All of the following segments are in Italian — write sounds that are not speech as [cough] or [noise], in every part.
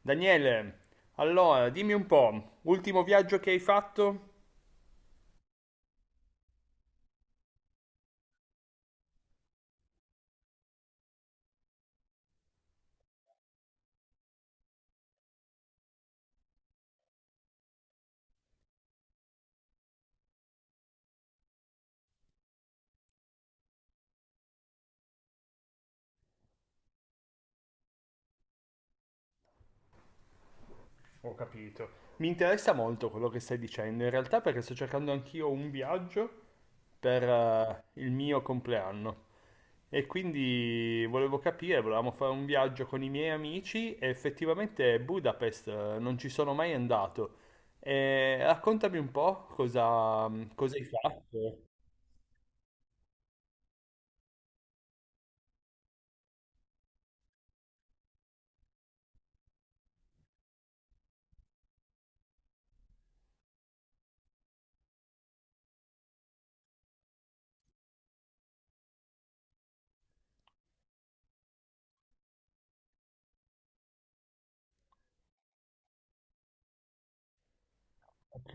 Daniele, allora dimmi un po', ultimo viaggio che hai fatto? Ho capito. Mi interessa molto quello che stai dicendo, in realtà perché sto cercando anch'io un viaggio per il mio compleanno e quindi volevo capire, volevamo fare un viaggio con i miei amici e effettivamente Budapest non ci sono mai andato. E raccontami un po' cosa, cosa hai fatto. Ok.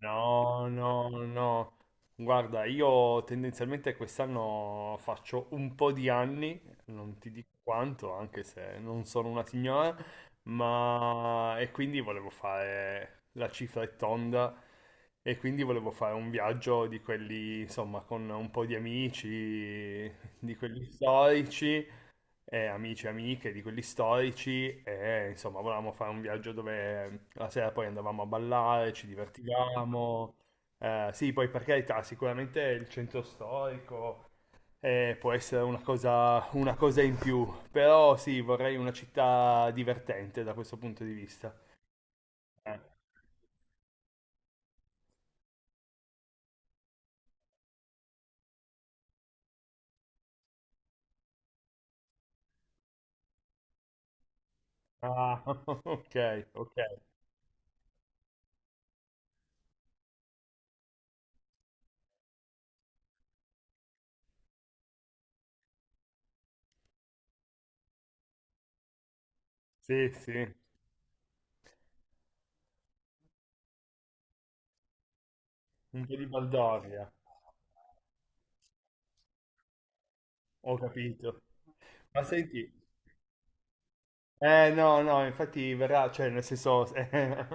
No, no, no. Guarda, io tendenzialmente quest'anno faccio un po' di anni, non ti dico quanto, anche se non sono una signora, ma e quindi volevo fare la cifra è tonda e quindi volevo fare un viaggio di quelli, insomma, con un po' di amici, di quelli storici, amici e amiche di quelli storici e insomma volevamo fare un viaggio dove la sera poi andavamo a ballare, ci divertivamo. Sì, poi per carità, sicuramente il centro storico può essere una cosa in più, però sì, vorrei una città divertente da questo punto di vista. Eh. Ah, [laughs] ok, ok. Sì, sì, un po' di baldoria, ho capito. Ma senti, eh, no, no, infatti verrà, cioè nel senso, [laughs]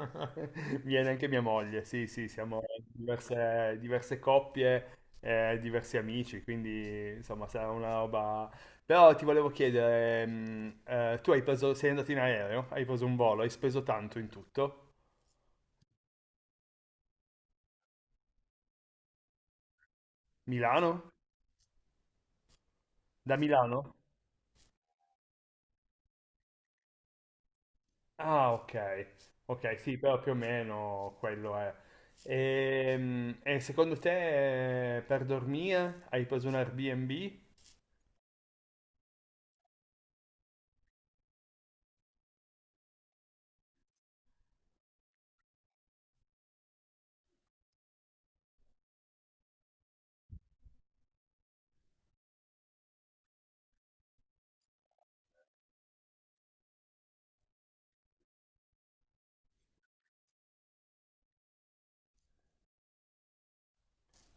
viene anche mia moglie, sì, sì, siamo diverse coppie, diversi amici, quindi insomma sarà una roba... Però ti volevo chiedere, tu hai preso, sei andato in aereo, hai preso un volo, hai speso tanto in tutto? Milano? Da Milano? Ah, ok, ok, sì, però più o meno quello è. E, secondo te per dormire hai preso un Airbnb?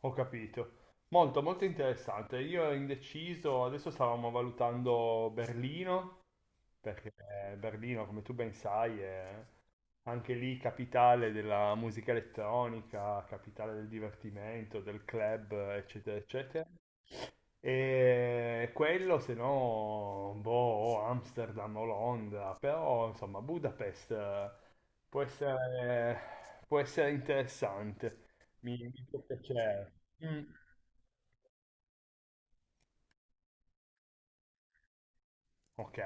Ho capito. Molto, molto interessante. Io ero indeciso, adesso stavamo valutando Berlino, perché Berlino, come tu ben sai, è anche lì capitale della musica elettronica, capitale del divertimento, del club, eccetera, eccetera. E quello, se no, boh, o Amsterdam o Londra, però insomma, Budapest può essere, può essere interessante. Mi può piacere. Mm. Ok,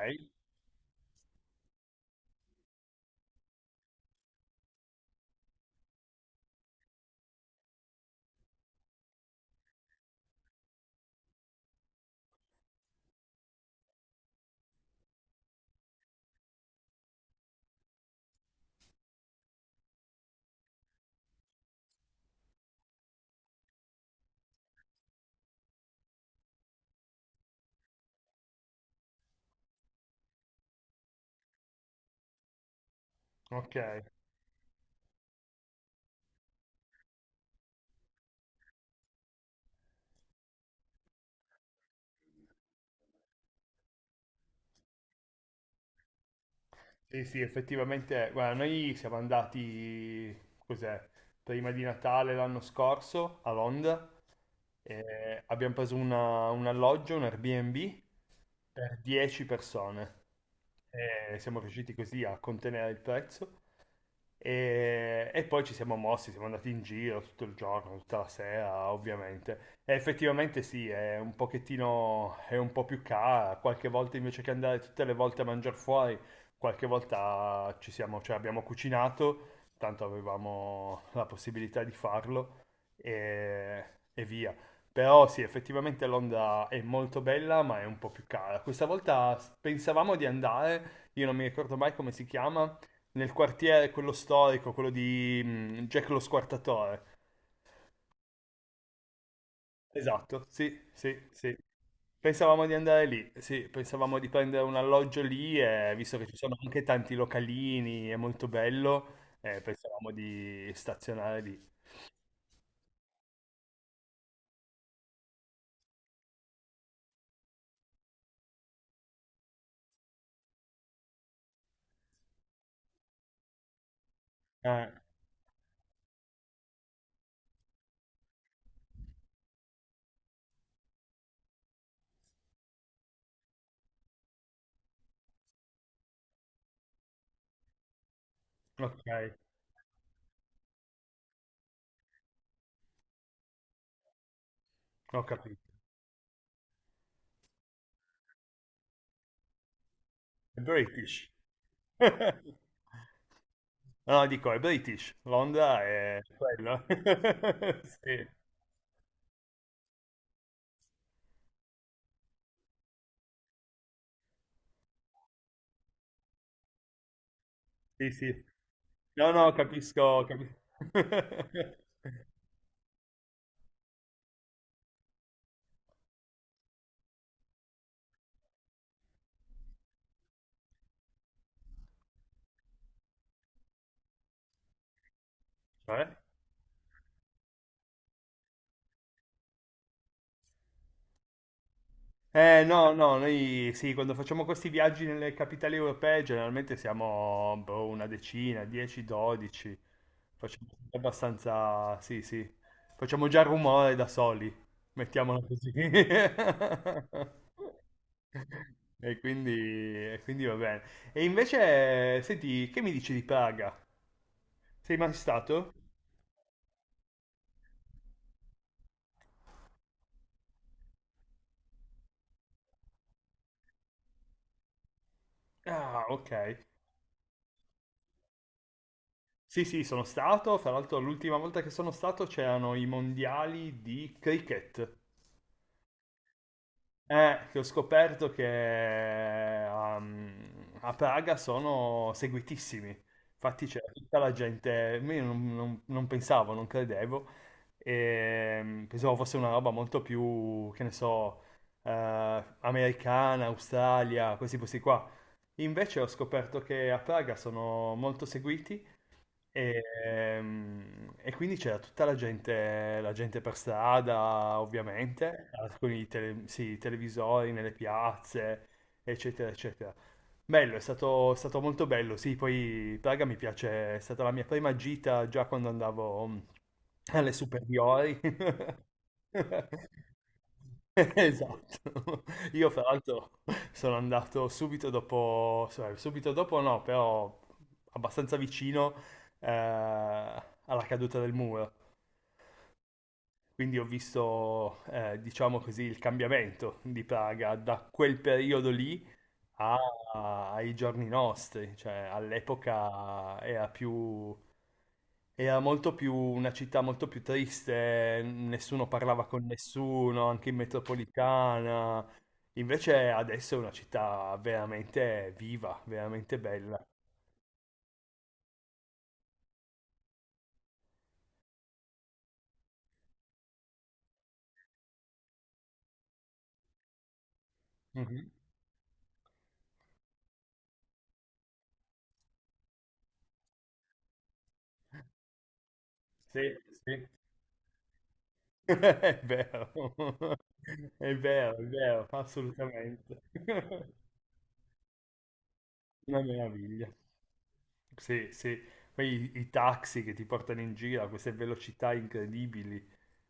ok. Sì, sì, effettivamente, guarda, noi siamo andati, cos'è, prima di Natale l'anno scorso a Londra e abbiamo preso un alloggio, un Airbnb per 10 persone. E siamo riusciti così a contenere il prezzo. E poi ci siamo mossi, siamo andati in giro tutto il giorno, tutta la sera, ovviamente. E effettivamente sì, è un pochettino, è un po' più cara. Qualche volta invece che andare tutte le volte a mangiare fuori, qualche volta ci siamo, cioè abbiamo cucinato, tanto avevamo la possibilità di farlo e, e via. Però sì, effettivamente Londra è molto bella, ma è un po' più cara. Questa volta pensavamo di andare, io non mi ricordo mai come si chiama, nel quartiere, quello storico, quello di Jack lo Squartatore. Esatto, sì, sì, sì. Pensavamo di andare lì, sì, pensavamo di prendere un alloggio lì, e, visto che ci sono anche tanti localini, è molto bello, pensavamo di stazionare lì. Ah, ok, ho capito. British. [laughs] No, dico, è British. Londra è quello. [laughs] Sì, sì, sì. No, no, capisco, capisco. [laughs] Cioè? Eh, no, no, noi sì, quando facciamo questi viaggi nelle capitali europee generalmente siamo boh, una decina, 10, 12, facciamo sempre abbastanza, sì, sì, facciamo già rumore da soli, mettiamola così. [laughs] E quindi, e quindi va bene. E invece, senti, che mi dici di Praga? Sei mai stato? Ah, ok. Sì, sì, sono stato. Fra l'altro, l'ultima volta che sono stato c'erano i mondiali di cricket. Che ho scoperto che um, a Praga sono seguitissimi. Infatti c'era tutta la gente, io non pensavo, non credevo, e, pensavo fosse una roba molto più, che ne so, americana, Australia, questi posti qua. Invece ho scoperto che a Praga sono molto seguiti e quindi c'era tutta la gente per strada, ovviamente, con sì, i televisori nelle piazze, eccetera, eccetera. Bello, è stato molto bello. Sì, poi Praga mi piace, è stata la mia prima gita già quando andavo alle superiori. [laughs] Esatto. Io fra l'altro sono andato subito dopo, cioè, subito dopo no, però abbastanza vicino eh, alla caduta del muro. Quindi ho visto, diciamo così, il cambiamento di Praga da quel periodo lì ai giorni nostri, cioè all'epoca era più, era molto più una città molto più triste, nessuno parlava con nessuno, anche in metropolitana. Invece adesso è una città veramente viva, veramente bella. Mhm. Sì, sì. [laughs] È vero, [laughs] è vero, assolutamente. [laughs] Una meraviglia. Sì, sì. Poi i taxi che ti portano in giro a queste velocità incredibili,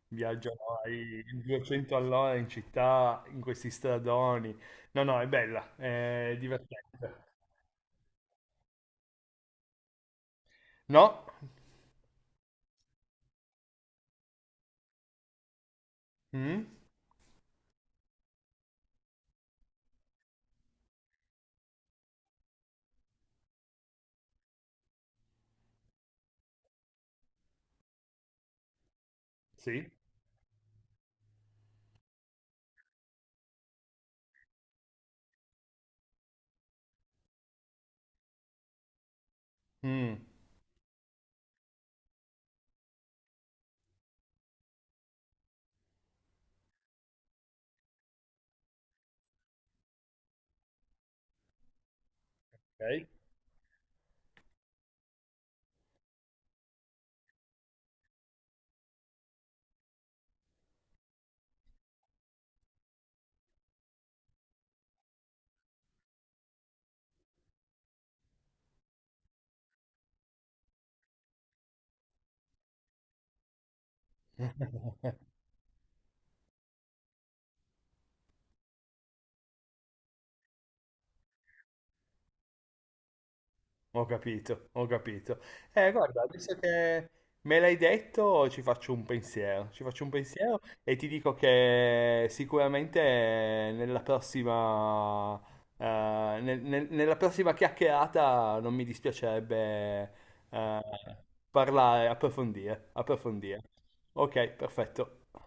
viaggiano ai 200 all'ora in città, in questi stradoni. No, no, è bella, è divertente. No? Mm? Sì? Mm, ok. [laughs] Ho capito, ho capito. Guarda, adesso che me l'hai detto, ci faccio un pensiero. Ci faccio un pensiero e ti dico che sicuramente nella prossima, nella prossima chiacchierata non mi dispiacerebbe, eh, parlare, approfondire, approfondire. Ok, perfetto.